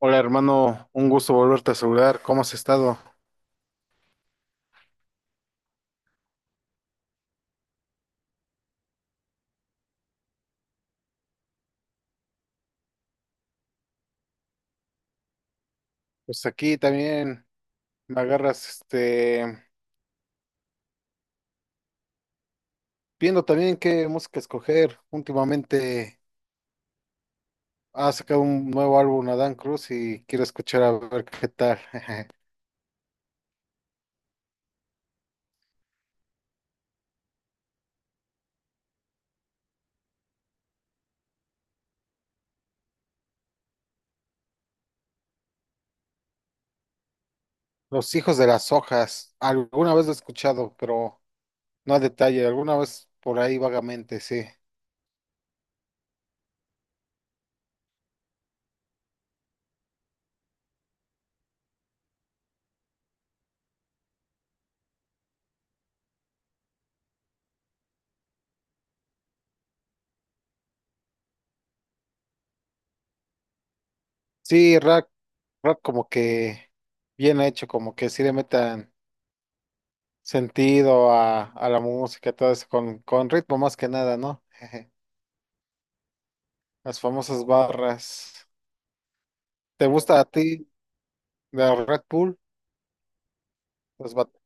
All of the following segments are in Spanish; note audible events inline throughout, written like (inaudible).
Hola hermano, un gusto volverte a saludar. ¿Cómo has estado? Pues aquí también me agarras, viendo también qué música escoger. Últimamente ha sacado un nuevo álbum Adán Cruz y quiero escuchar a ver qué tal. (laughs) Los Hijos de las Hojas. Alguna vez lo he escuchado, pero no a detalle. Alguna vez por ahí vagamente, sí. Sí, rap como que bien hecho, como que sí le metan sentido a la música, todo eso, con ritmo más que nada, ¿no? (laughs) Jeje. Las famosas barras. ¿Te gusta a ti de Red Bull? Los bat-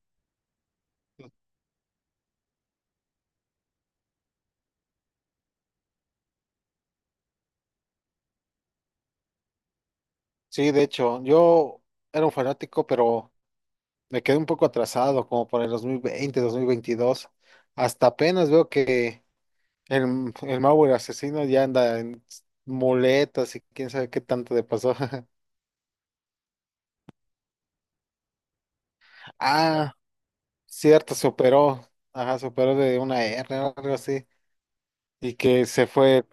sí, de hecho, yo era un fanático, pero me quedé un poco atrasado, como por el dos 2020, 2022. Hasta apenas veo que el Mauer asesino ya anda en muletas y quién sabe qué tanto le pasó. (laughs) Ah, cierto, superó. Ajá, superó de una R o algo así. Y que se fue.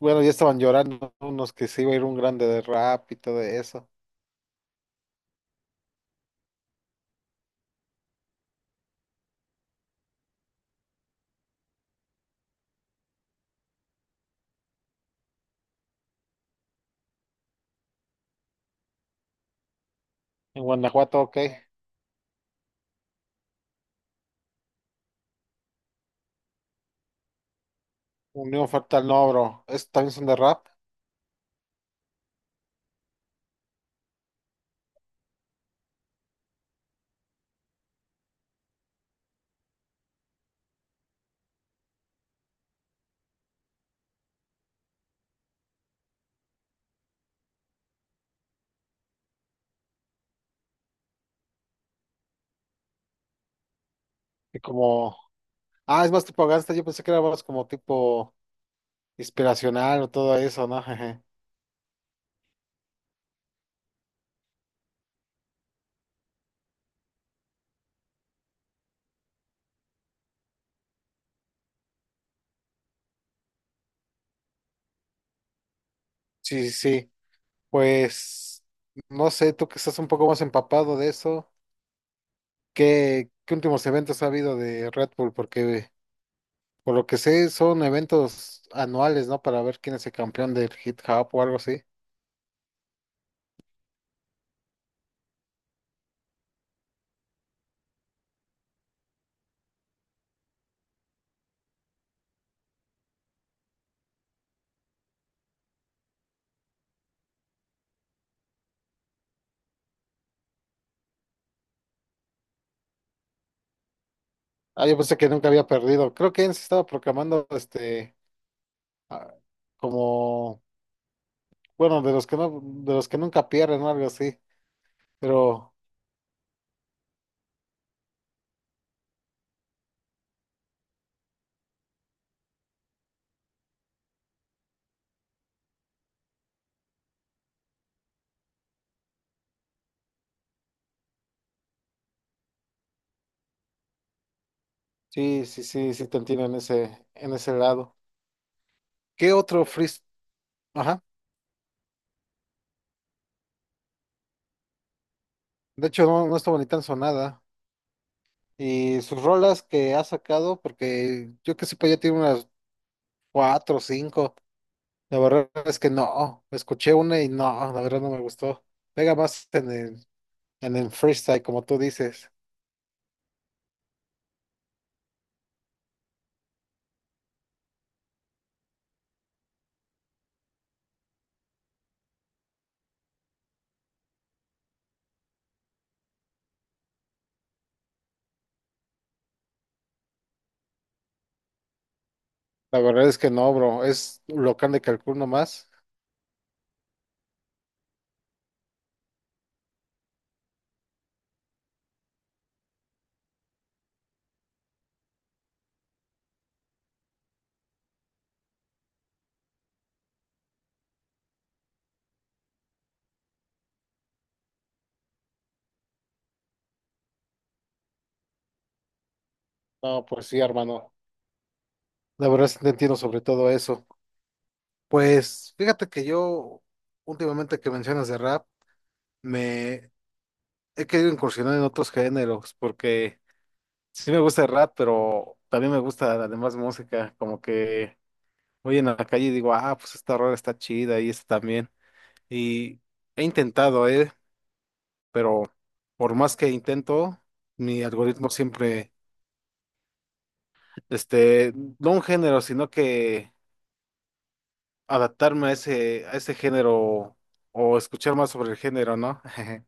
Bueno, ya estaban llorando unos que se iba a ir un grande de rap y todo eso. En Guanajuato, ok. Unión Fractal no, bro. Estos también son de rap. Y como. Ah, es más tipo gangsta. Yo pensé que era más como tipo inspiracional o todo eso, ¿no? (laughs) Jeje. Sí, sí, sí. Pues, no sé, tú que estás un poco más empapado de eso. ¿Qué, qué últimos eventos ha habido de Red Bull? Porque por lo que sé, son eventos anuales, ¿no? Para ver quién es el campeón del hip hop o algo así. Ah, yo pensé que nunca había perdido. Creo que él se estaba proclamando ah, como bueno, de los que no, de los que nunca pierden o algo así. Pero sí, sí, sí, sí te entiendo en ese lado. ¿Qué otro freestyle? Ajá. De hecho, no, no estuvo ni tan sonada. Y sus rolas que ha sacado, porque yo que sepa ya tiene unas cuatro o cinco. La verdad es que no. Escuché una y no, la verdad no me gustó. Pega más en el freestyle, como tú dices. La verdad es que no, bro. Es local de Cancún nomás. No, pues sí, hermano. La verdad sí te entiendo sobre todo eso. Pues fíjate que yo, últimamente que mencionas de rap, me he querido incursionar en otros géneros, porque sí me gusta el rap, pero también me gusta la demás música. Como que voy en la calle y digo, ah, pues esta rola está chida y esta también. Y he intentado, pero por más que intento, mi algoritmo siempre. este, no un género, sino que adaptarme a ese género o escuchar más sobre el género, ¿no? (laughs)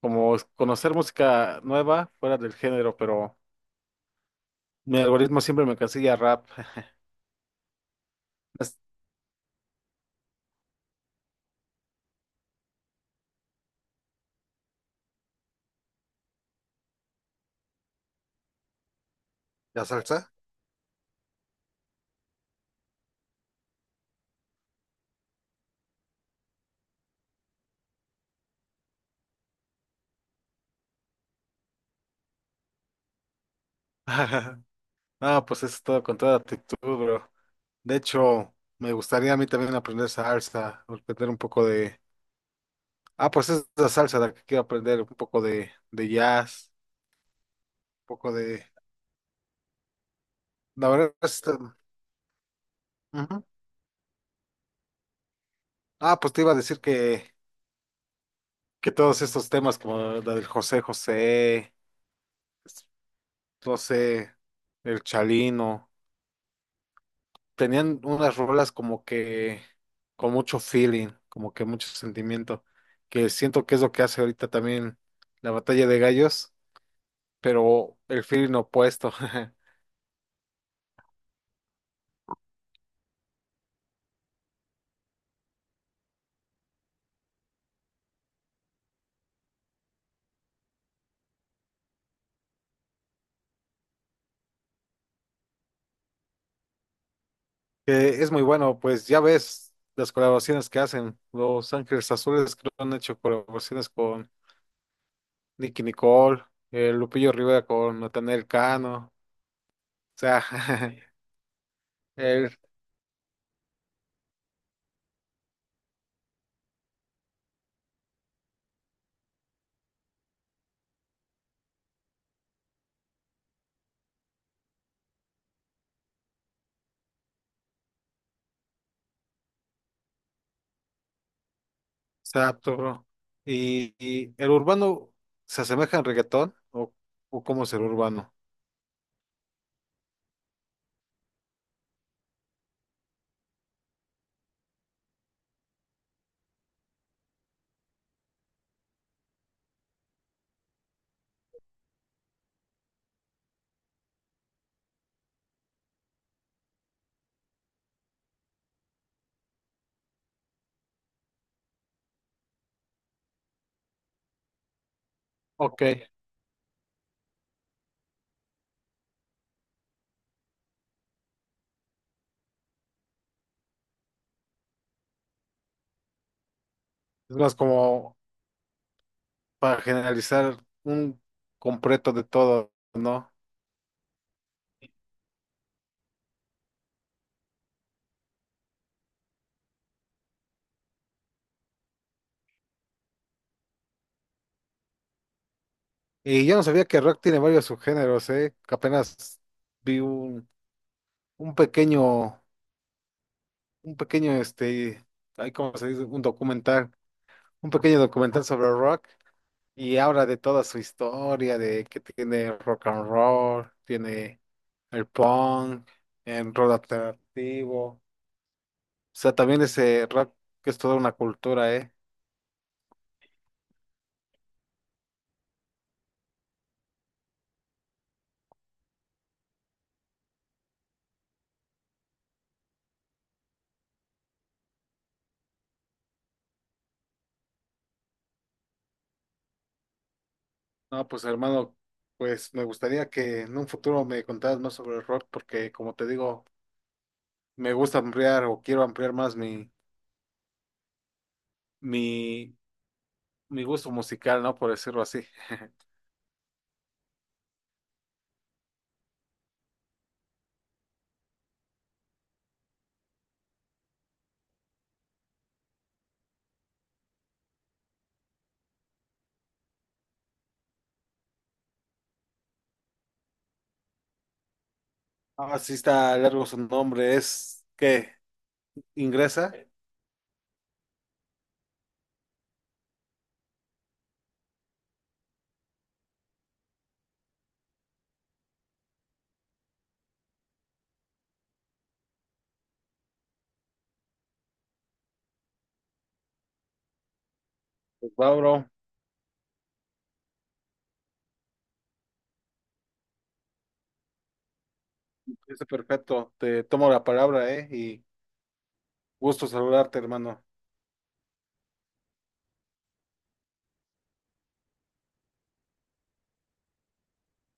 Como conocer música nueva fuera del género, pero mi algoritmo siempre me cancilla rap. (laughs) ¿Es ¿La salsa? (laughs) Ah, pues es todo con toda actitud, bro. De hecho, me gustaría a mí también aprender salsa, aprender un poco de... Ah, pues es la salsa la que quiero aprender, un poco de jazz, un poco de... La verdad es... Ujú. Ah, pues te iba a decir que todos estos temas como la del José José, no sé, el Chalino, tenían unas rolas como que con mucho feeling, como que mucho sentimiento, que siento que es lo que hace ahorita también la batalla de gallos, pero el feeling opuesto. (laughs) Que es muy bueno, pues ya ves las colaboraciones que hacen, Los Ángeles Azules creo que han hecho colaboraciones con Nicky Nicole, Lupillo Rivera con Natanael Cano. Sea, (laughs) el, exacto, bro. Y el urbano se asemeja al reggaetón o cómo es el urbano. Ok, es más como para generalizar un completo de todo, ¿no? Y yo no sabía que rock tiene varios subgéneros, ¿eh? Que apenas vi un pequeño, un pequeño, este, ahí cómo se dice, un documental, un pequeño documental sobre rock. Y habla de toda su historia, de que tiene rock and roll, tiene el punk, el rock alternativo. O sea, también ese rock que es toda una cultura, ¿eh? No, pues hermano, pues me gustaría que en un futuro me contaras más sobre el rock, porque como te digo, me gusta ampliar o quiero ampliar más mi, mi gusto musical, ¿no? Por decirlo así. (laughs) Ah, sí está largo su nombre, es qué ingresa. Pues va, bro. Está perfecto, te tomo la palabra, ¿eh? Y gusto saludarte, hermano.